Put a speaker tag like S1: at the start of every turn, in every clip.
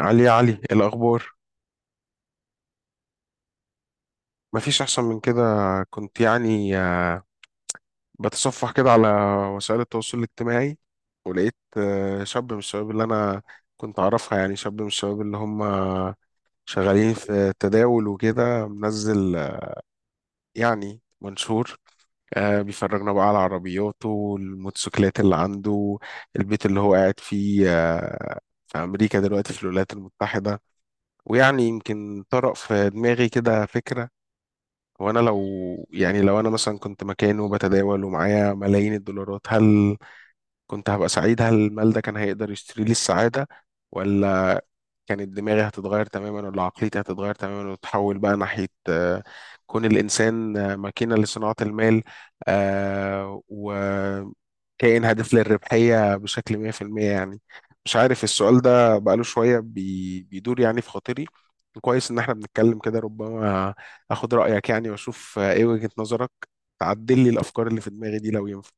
S1: علي يا علي، إيه الأخبار؟ مفيش أحسن من كده. كنت يعني بتصفح كده على وسائل التواصل الاجتماعي، ولقيت شاب من الشباب اللي أنا كنت أعرفها، يعني شاب من الشباب اللي هم شغالين في التداول وكده، منزل يعني منشور، بيفرجنا بقى على عربياته، الموتوسيكلات اللي عنده، البيت اللي هو قاعد فيه، في أمريكا دلوقتي، في الولايات المتحدة. ويعني يمكن طرأ في دماغي كده فكرة، هو انا لو، يعني لو انا مثلا كنت مكانه وبتداول ومعايا ملايين الدولارات، هل كنت هبقى سعيد؟ هل المال ده كان هيقدر يشتري لي السعادة، ولا كانت دماغي هتتغير تماما، ولا عقليتي هتتغير تماما وتتحول بقى ناحية كون الإنسان ماكينة لصناعة المال، وكائن هادف للربحية بشكل 100% يعني. مش عارف، السؤال ده بقاله شوية بيدور يعني في خاطري. كويس إن احنا بنتكلم كده، ربما أخد رأيك يعني وأشوف إيه وجهة نظرك، تعدل لي الأفكار اللي في دماغي دي لو ينفع.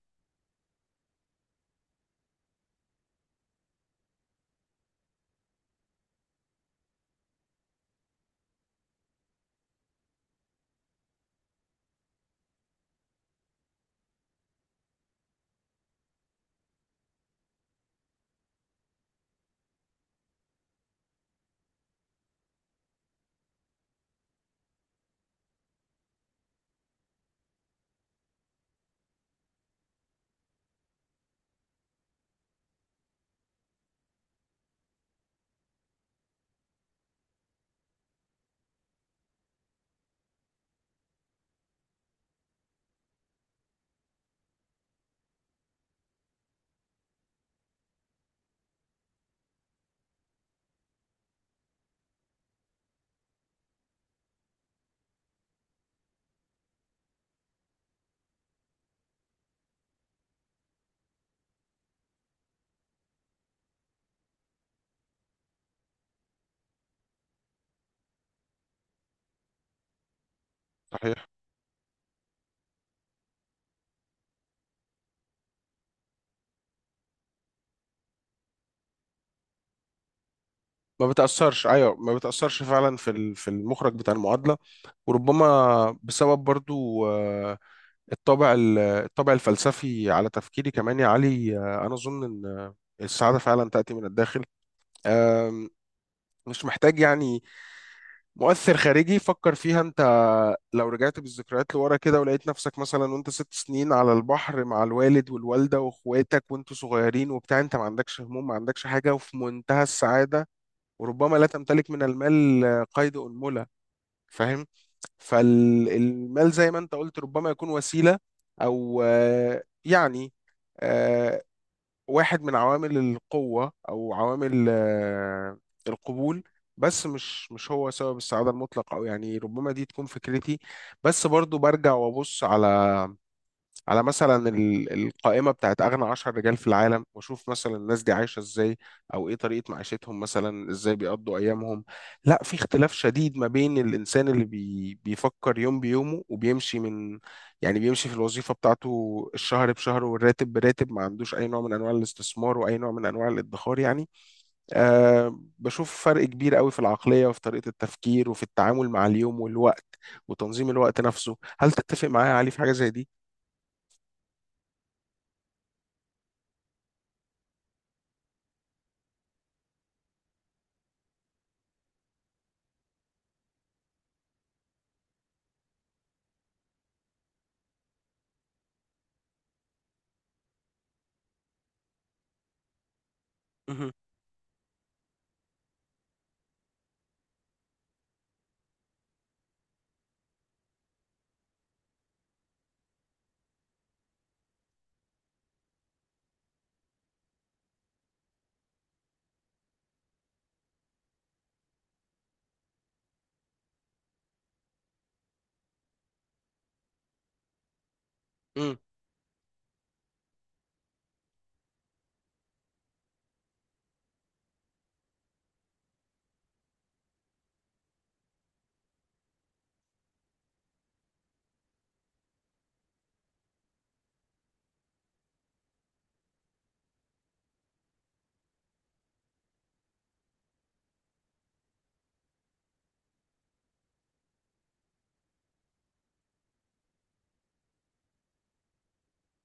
S1: صحيح، ما بتأثرش، أيوة ما بتأثرش فعلا في في المخرج بتاع المعادلة. وربما بسبب برضو الطابع الطابع الفلسفي على تفكيري كمان يا علي، أنا أظن إن السعادة فعلا تأتي من الداخل. آم، مش محتاج يعني مؤثر خارجي. فكر فيها أنت، لو رجعت بالذكريات لورا كده ولقيت نفسك مثلا وأنت 6 سنين على البحر مع الوالد والوالدة وإخواتك وأنتوا صغيرين وبتاع، أنت ما عندكش هموم، ما عندكش حاجة، وفي منتهى السعادة، وربما لا تمتلك من المال قيد أنملة. فاهم؟ فالمال زي ما انت قلت ربما يكون وسيلة، او يعني آه، واحد من عوامل القوة، او عوامل القبول. بس مش هو سبب السعادة المطلق، او يعني ربما دي تكون فكرتي. بس برضو برجع وابص على، على مثلا القائمة بتاعت أغنى 10 رجال في العالم، وأشوف مثلا الناس دي عايشة إزاي، أو إيه طريقة معيشتهم، مثلا إزاي بيقضوا أيامهم. لا، في اختلاف شديد ما بين الإنسان اللي بيفكر يوم بيومه وبيمشي من، يعني بيمشي في الوظيفة بتاعته الشهر بشهر والراتب براتب، ما عندوش أي نوع من أنواع الاستثمار وأي نوع من أنواع الادخار يعني. أه، بشوف فرق كبير قوي في العقلية وفي طريقة التفكير وفي التعامل مع اليوم والوقت وتنظيم الوقت نفسه. هل تتفق معايا يا علي في حاجة زي دي؟ مهم.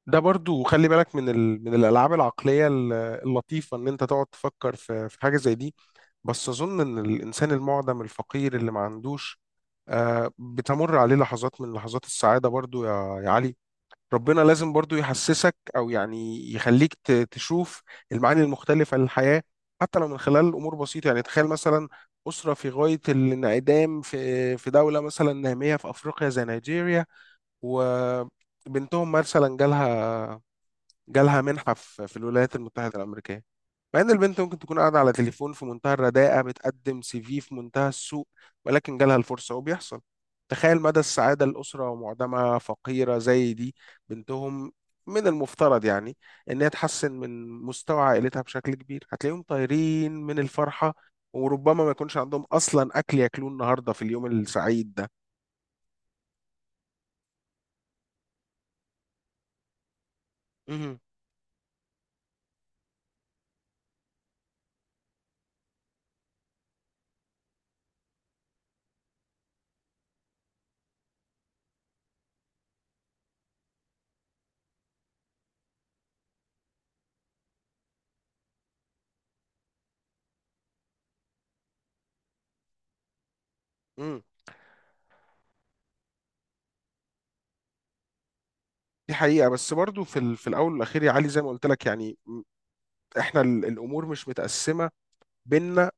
S1: ده برضو خلي بالك من من الالعاب العقليه اللطيفه ان انت تقعد تفكر في حاجه زي دي. بس اظن ان الانسان المعدم الفقير اللي ما عندوش، بتمر عليه لحظات من لحظات السعاده برضو يا يا علي. ربنا لازم برضو يحسسك، او يعني يخليك تشوف المعاني المختلفه للحياه، حتى لو من خلال امور بسيطه. يعني تخيل مثلا أسرة في غاية الانعدام، في في دولة مثلا نامية في أفريقيا زي نيجيريا، وبنتهم مثلا جالها، جالها منحة في الولايات المتحدة الأمريكية. مع إن البنت ممكن تكون قاعدة على تليفون في منتهى الرداءة، بتقدم سي في في منتهى السوء، ولكن جالها الفرصة وبيحصل. تخيل مدى السعادة، الأسرة ومعدمها فقيرة زي دي، بنتهم من المفترض يعني إن هي تحسن من مستوى عائلتها بشكل كبير. هتلاقيهم طايرين من الفرحة، وربما ما يكونش عندهم أصلا أكل ياكلوه النهاردة في اليوم السعيد ده. مهم. مم. دي حقيقة. بس برضو في، في الأول والأخير يا علي، زي ما قلت لك، يعني احنا الامور مش متقسمه بينا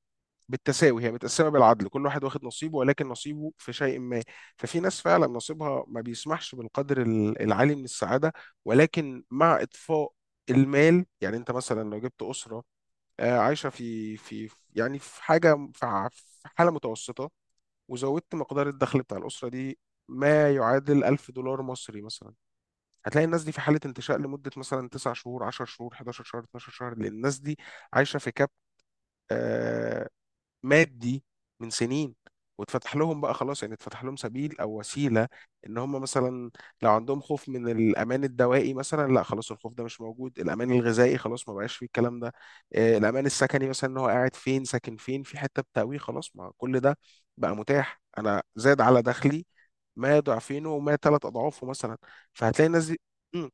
S1: بالتساوي، هي متقسمه بالعدل. كل واحد واخد نصيبه، ولكن نصيبه في شيء ما. ففي ناس فعلا نصيبها ما بيسمحش بالقدر العالي من السعاده. ولكن مع اطفاء المال، يعني انت مثلا لو جبت اسره عايشه في، في، يعني في حاجه، في في حاله متوسطه، وزودت مقدار الدخل بتاع الاسره دي ما يعادل 1000 دولار مصري مثلا، هتلاقي الناس دي في حالة انتشاء لمدة مثلا 9 شهور، 10 شهور، 11 شهر، 12 شهر، لأن الناس دي عايشة في كاب آه، مادي من سنين، واتفتح لهم بقى خلاص، يعني اتفتح لهم سبيل او وسيله، ان هم مثلا لو عندهم خوف من الامان الدوائي مثلا، لا خلاص، الخوف ده مش موجود. الامان الغذائي خلاص ما بقاش فيه الكلام ده، الامان السكني مثلا، ان هو قاعد فين، ساكن فين، في حته بتأويه، خلاص ما كل ده بقى متاح. انا زاد على دخلي ما ضعفينه وما 3 اضعافه مثلا، فهتلاقي الناس دي. مم،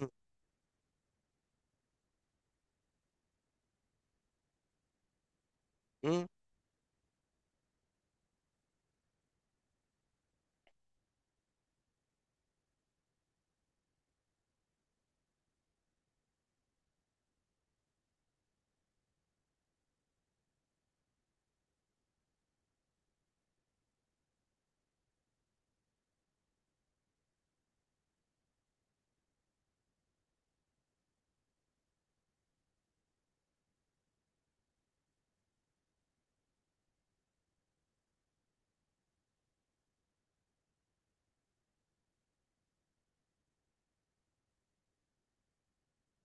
S1: مم، مم.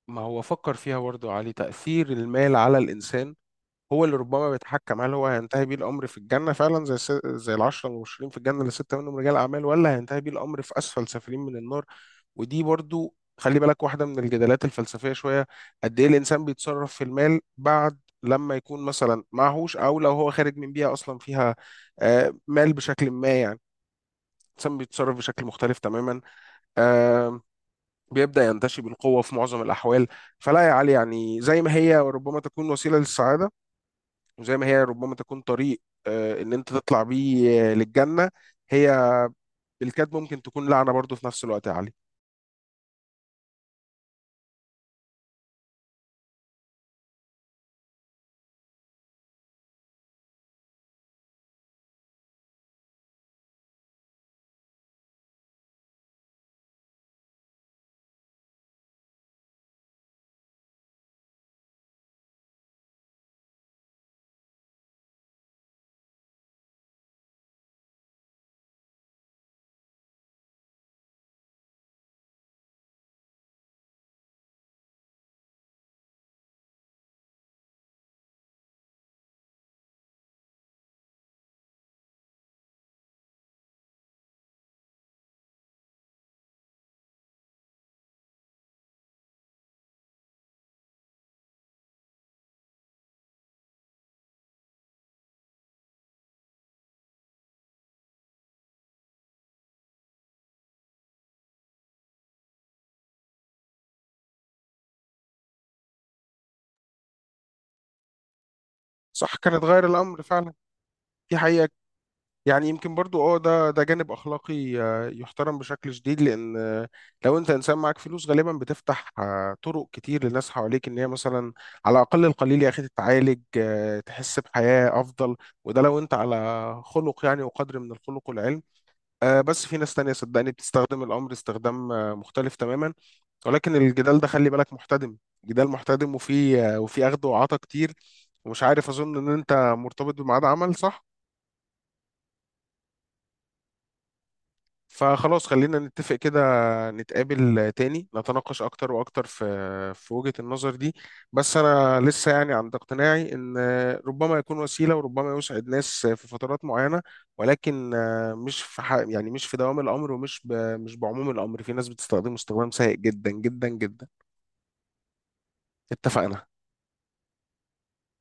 S1: ما هو فكر فيها برضه يا علي، تأثير المال على الإنسان هو اللي ربما بيتحكم هل هو هينتهي بيه الامر في الجنه فعلا زي زي العشره المبشرين في الجنه، اللي 6 منهم رجال اعمال، ولا هينتهي بيه الامر في اسفل سافلين من النار. ودي برضو خلي بالك واحده من الجدالات الفلسفيه شويه. قد ايه الانسان بيتصرف في المال بعد لما يكون مثلا معهوش، او لو هو خارج من بيئه اصلا فيها مال بشكل ما، يعني الانسان بيتصرف بشكل مختلف تماما، آه، بيبدا ينتشي بالقوه في معظم الاحوال. فلا يا علي، يعني زي ما هي وربما تكون وسيله للسعاده، وزي ما هي ربما تكون طريق ان انت تطلع بيه للجنة، هي بالكاد ممكن تكون لعنة برضو في نفس الوقت يا علي. صح، كان اتغير الامر فعلا. دي حقيقة. يعني يمكن برضو، ده جانب اخلاقي يحترم بشكل شديد، لان لو انت انسان معاك فلوس غالبا بتفتح طرق كتير للناس حواليك، ان هي مثلا على الاقل القليل يا اخي تتعالج، تحس بحياة افضل. وده لو انت على خلق، يعني وقدر من الخلق والعلم. بس في ناس تانية صدقني بتستخدم الأمر استخدام مختلف تماما. ولكن الجدال ده خلي بالك محتدم، جدال محتدم، وفي وفي أخد وعطا كتير. ومش عارف، أظن إن أنت مرتبط بميعاد عمل، صح؟ فخلاص، خلينا نتفق كده، نتقابل تاني نتناقش أكتر وأكتر في، في وجهة النظر دي. بس أنا لسه يعني عند اقتناعي إن ربما يكون وسيلة، وربما يسعد ناس في فترات معينة، ولكن مش في يعني مش في دوام الأمر، ومش مش بعموم الأمر. في ناس بتستخدمه استخدام سيء جدا جدا جدا. اتفقنا.